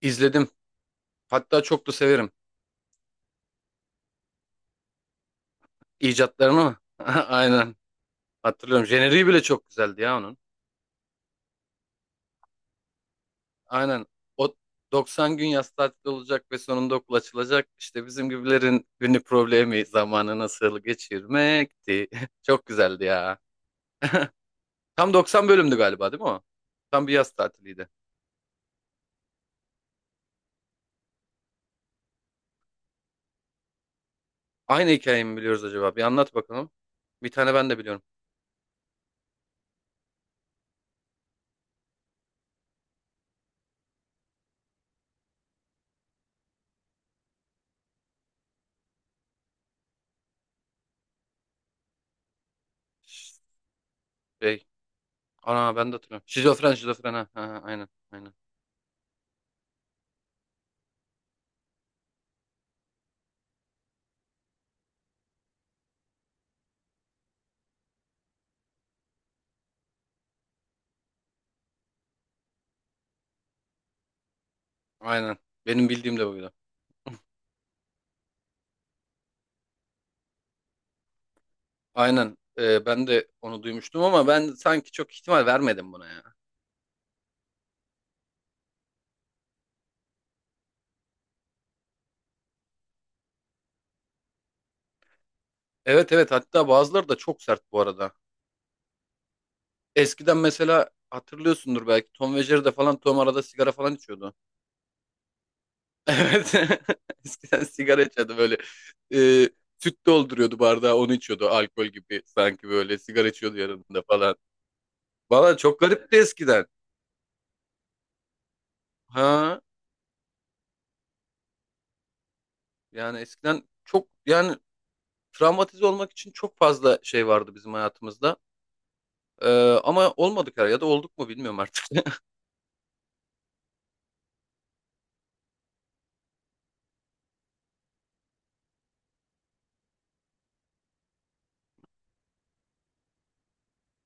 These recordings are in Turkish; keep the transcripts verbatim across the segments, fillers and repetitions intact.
İzledim. Hatta çok da severim. İcatlarını mı? Aynen. Hatırlıyorum. Jeneriği bile çok güzeldi ya onun. Aynen. O doksan gün yaz tatili olacak ve sonunda okul açılacak. İşte bizim gibilerin günlük problemi zamanı nasıl geçirmekti. Çok güzeldi ya. Tam doksan bölümdü galiba, değil mi o? Tam bir yaz tatiliydi. Aynı hikayeyi mi biliyoruz acaba? Bir anlat bakalım. Bir tane ben de biliyorum. Şey, ana ben de hatırlıyorum. Şizofren, şizofren. Ha, ha, ha, aynen, aynen. Aynen. Benim bildiğim de buydu. Aynen. Ee, ben de onu duymuştum ama ben sanki çok ihtimal vermedim buna ya. Evet, evet, hatta bazıları da çok sert bu arada. Eskiden mesela hatırlıyorsundur belki Tom ve Jerry'de falan Tom arada sigara falan içiyordu. Evet. Eskiden sigara içiyordu böyle. Ee, Süt dolduruyordu bardağı, onu içiyordu alkol gibi, sanki böyle sigara içiyordu yanında falan. Valla çok garipti eskiden. Ha Yani eskiden çok yani travmatize olmak için çok fazla şey vardı bizim hayatımızda. Ee, Ama olmadı kar ya da olduk mu bilmiyorum artık.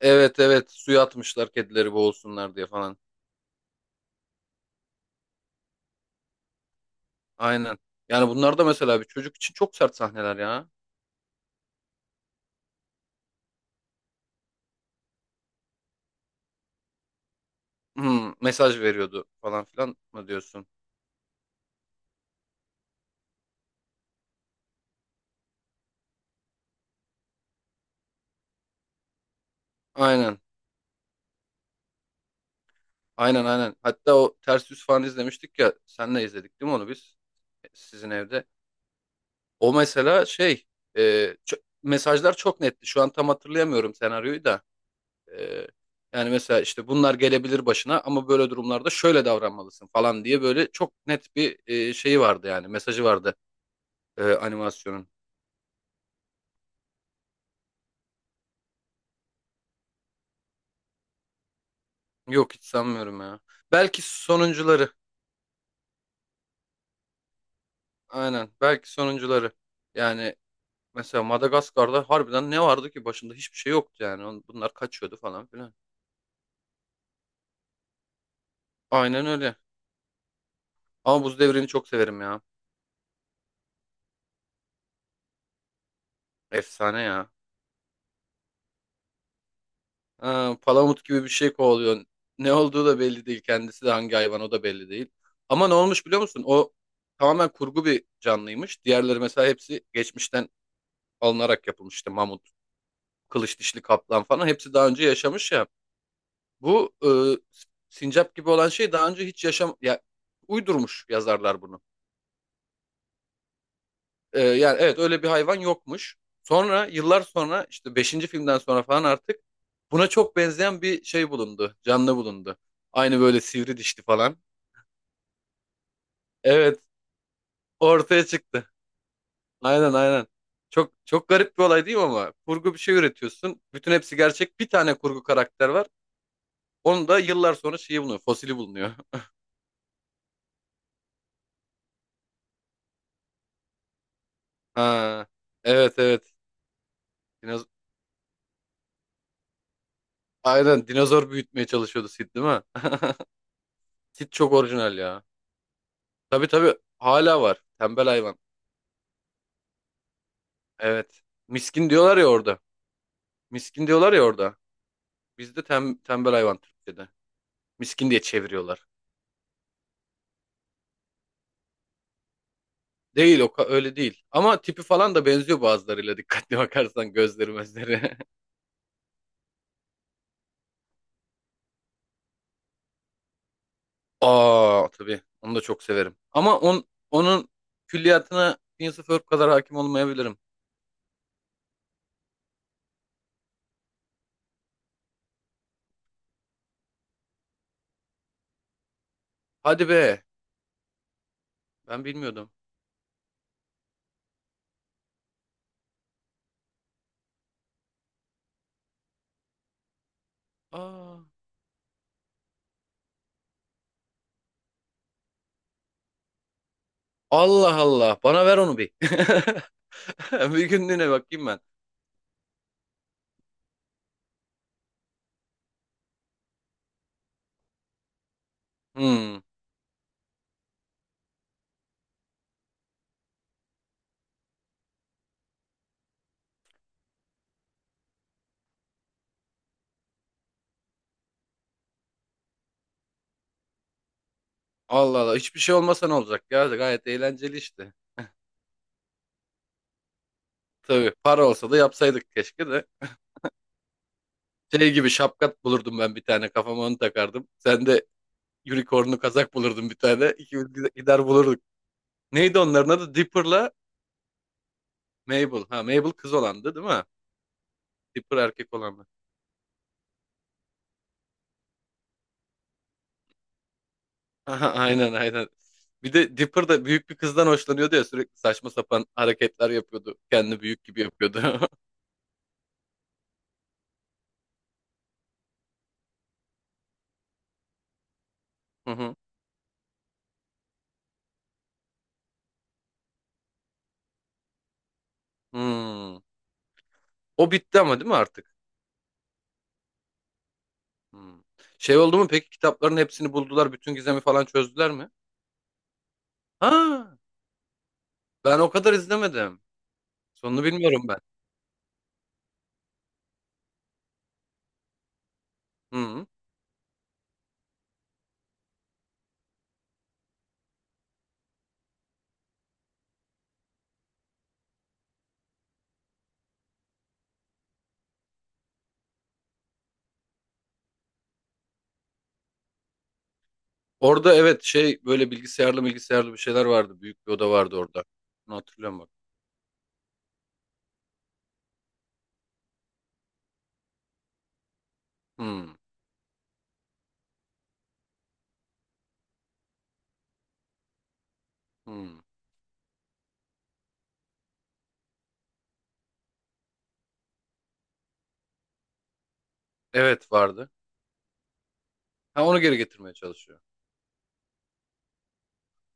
Evet, evet, suya atmışlar kedileri boğulsunlar diye falan. Aynen. Yani bunlar da mesela bir çocuk için çok sert sahneler ya. Hmm, mesaj veriyordu falan filan mı diyorsun? Aynen. Aynen, aynen. Hatta o ters yüz falan izlemiştik ya. Senle izledik değil mi onu biz? Sizin evde. O mesela şey e, ço- mesajlar çok netti. Şu an tam hatırlayamıyorum senaryoyu da. Ee, Yani mesela işte bunlar gelebilir başına ama böyle durumlarda şöyle davranmalısın falan diye böyle çok net bir e, şeyi vardı, yani mesajı vardı e, animasyonun. Yok, hiç sanmıyorum ya. Belki sonuncuları. Aynen. Belki sonuncuları. Yani mesela Madagaskar'da harbiden ne vardı ki başında, hiçbir şey yoktu yani. On- Bunlar kaçıyordu falan filan. Aynen öyle. Ama Buz Devri'ni çok severim ya. Efsane ya. Ha, palamut gibi bir şey kovalıyor. Ne olduğu da belli değil. Kendisi de hangi hayvan o da belli değil. Ama ne olmuş biliyor musun? O tamamen kurgu bir canlıymış. Diğerleri mesela hepsi geçmişten alınarak yapılmıştı. Mamut, kılıç dişli kaplan falan hepsi daha önce yaşamış ya. Bu e, sincap gibi olan şey daha önce hiç yaşam ya, uydurmuş yazarlar bunu. Ee, yani evet, öyle bir hayvan yokmuş. Sonra yıllar sonra işte beşinci filmden sonra falan artık buna çok benzeyen bir şey bulundu. Canlı bulundu. Aynı böyle sivri dişli falan. Evet, ortaya çıktı. Aynen, aynen. Çok çok garip bir olay değil mi ama? Kurgu bir şey üretiyorsun. Bütün hepsi gerçek. Bir tane kurgu karakter var. Onu da yıllar sonra şeyi bulunuyor. Fosili bulunuyor. Ha, evet, evet. Dinoz Aynen, dinozor büyütmeye çalışıyordu Sid değil mi? Sid çok orijinal ya. Tabii tabii, hala var. Tembel hayvan. Evet. Miskin diyorlar ya orada. Miskin diyorlar ya orada. Bizde tem, tembel hayvan Türkçe'de. Miskin diye çeviriyorlar. Değil, o ka- öyle değil. Ama tipi falan da benziyor bazılarıyla, dikkatli bakarsan gözleri mözleri. Aa tabii, onu da çok severim. Ama on, onun külliyatına Prince of Earth kadar hakim olmayabilirim. Hadi be, ben bilmiyordum. Aa, Allah Allah, bana ver onu bir. Bir günlüğüne bakayım ben. Hmm, Allah Allah, hiçbir şey olmasa ne olacak ya, gayet eğlenceli işte. Tabii para olsa da yapsaydık keşke de. Şey gibi şapkat bulurdum ben bir tane kafama, onu takardım. Sen de unicornlu kazak bulurdun bir tane. İkimiz gide- gider bulurduk. Neydi onların adı? Dipper'la Mabel. Ha, Mabel kız olandı değil mi? Dipper erkek olandı. Aha, aynen, aynen. Bir de Dipper da büyük bir kızdan hoşlanıyordu ya, sürekli saçma sapan hareketler yapıyordu. Kendini büyük gibi yapıyordu. Hı hı. Hmm. O bitti ama değil mi artık? Hmm. Şey oldu mu peki, kitapların hepsini buldular, bütün gizemi falan çözdüler mi? Ha, ben o kadar izlemedim. Sonunu bilmiyorum ben. Hı. Orada evet, şey böyle bilgisayarlı bilgisayarlı bir şeyler vardı. Büyük bir oda vardı orada. Bunu hatırlıyorum bak. Hı. Hı. Evet, vardı. Ha, onu geri getirmeye çalışıyor.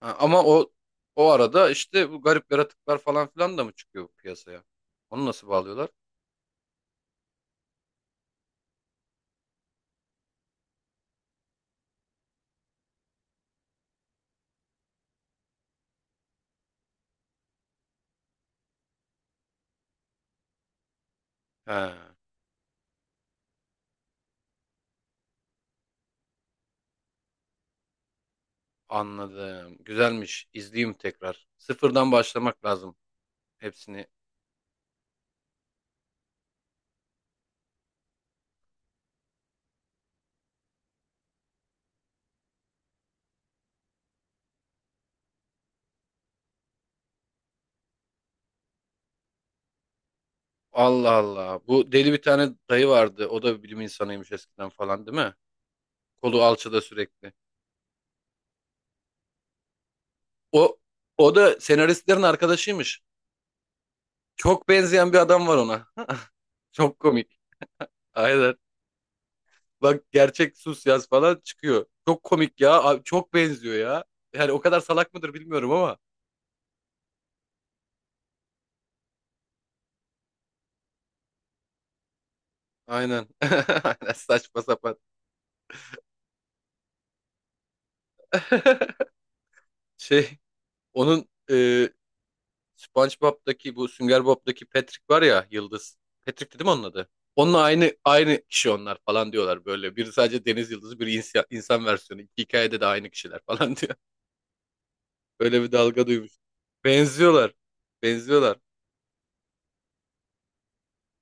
Ha, ama o o arada işte bu garip yaratıklar falan filan da mı çıkıyor piyasaya? Onu nasıl bağlıyorlar? He, anladım. Güzelmiş. İzleyeyim tekrar. Sıfırdan başlamak lazım hepsini. Allah Allah. Bu deli bir tane dayı vardı. O da bir bilim insanıymış eskiden falan değil mi? Kolu alçıda sürekli. O O da senaristlerin arkadaşıymış. Çok benzeyen bir adam var ona. Çok komik. Aynen. Bak, gerçek sus yaz falan çıkıyor. Çok komik ya. Abi, çok benziyor ya. Yani o kadar salak mıdır bilmiyorum ama. Aynen. Aynen, saçma sapan. Şey, onun e, SpongeBob'daki, bu Sünger Bob'daki Patrick var ya, yıldız. Patrick dedim onun adı. Onunla aynı aynı kişi onlar falan diyorlar böyle. Biri sadece deniz yıldızı, biri insan, insan versiyonu. İki hikayede de aynı kişiler falan diyor. Öyle bir dalga duymuş. Benziyorlar. Benziyorlar.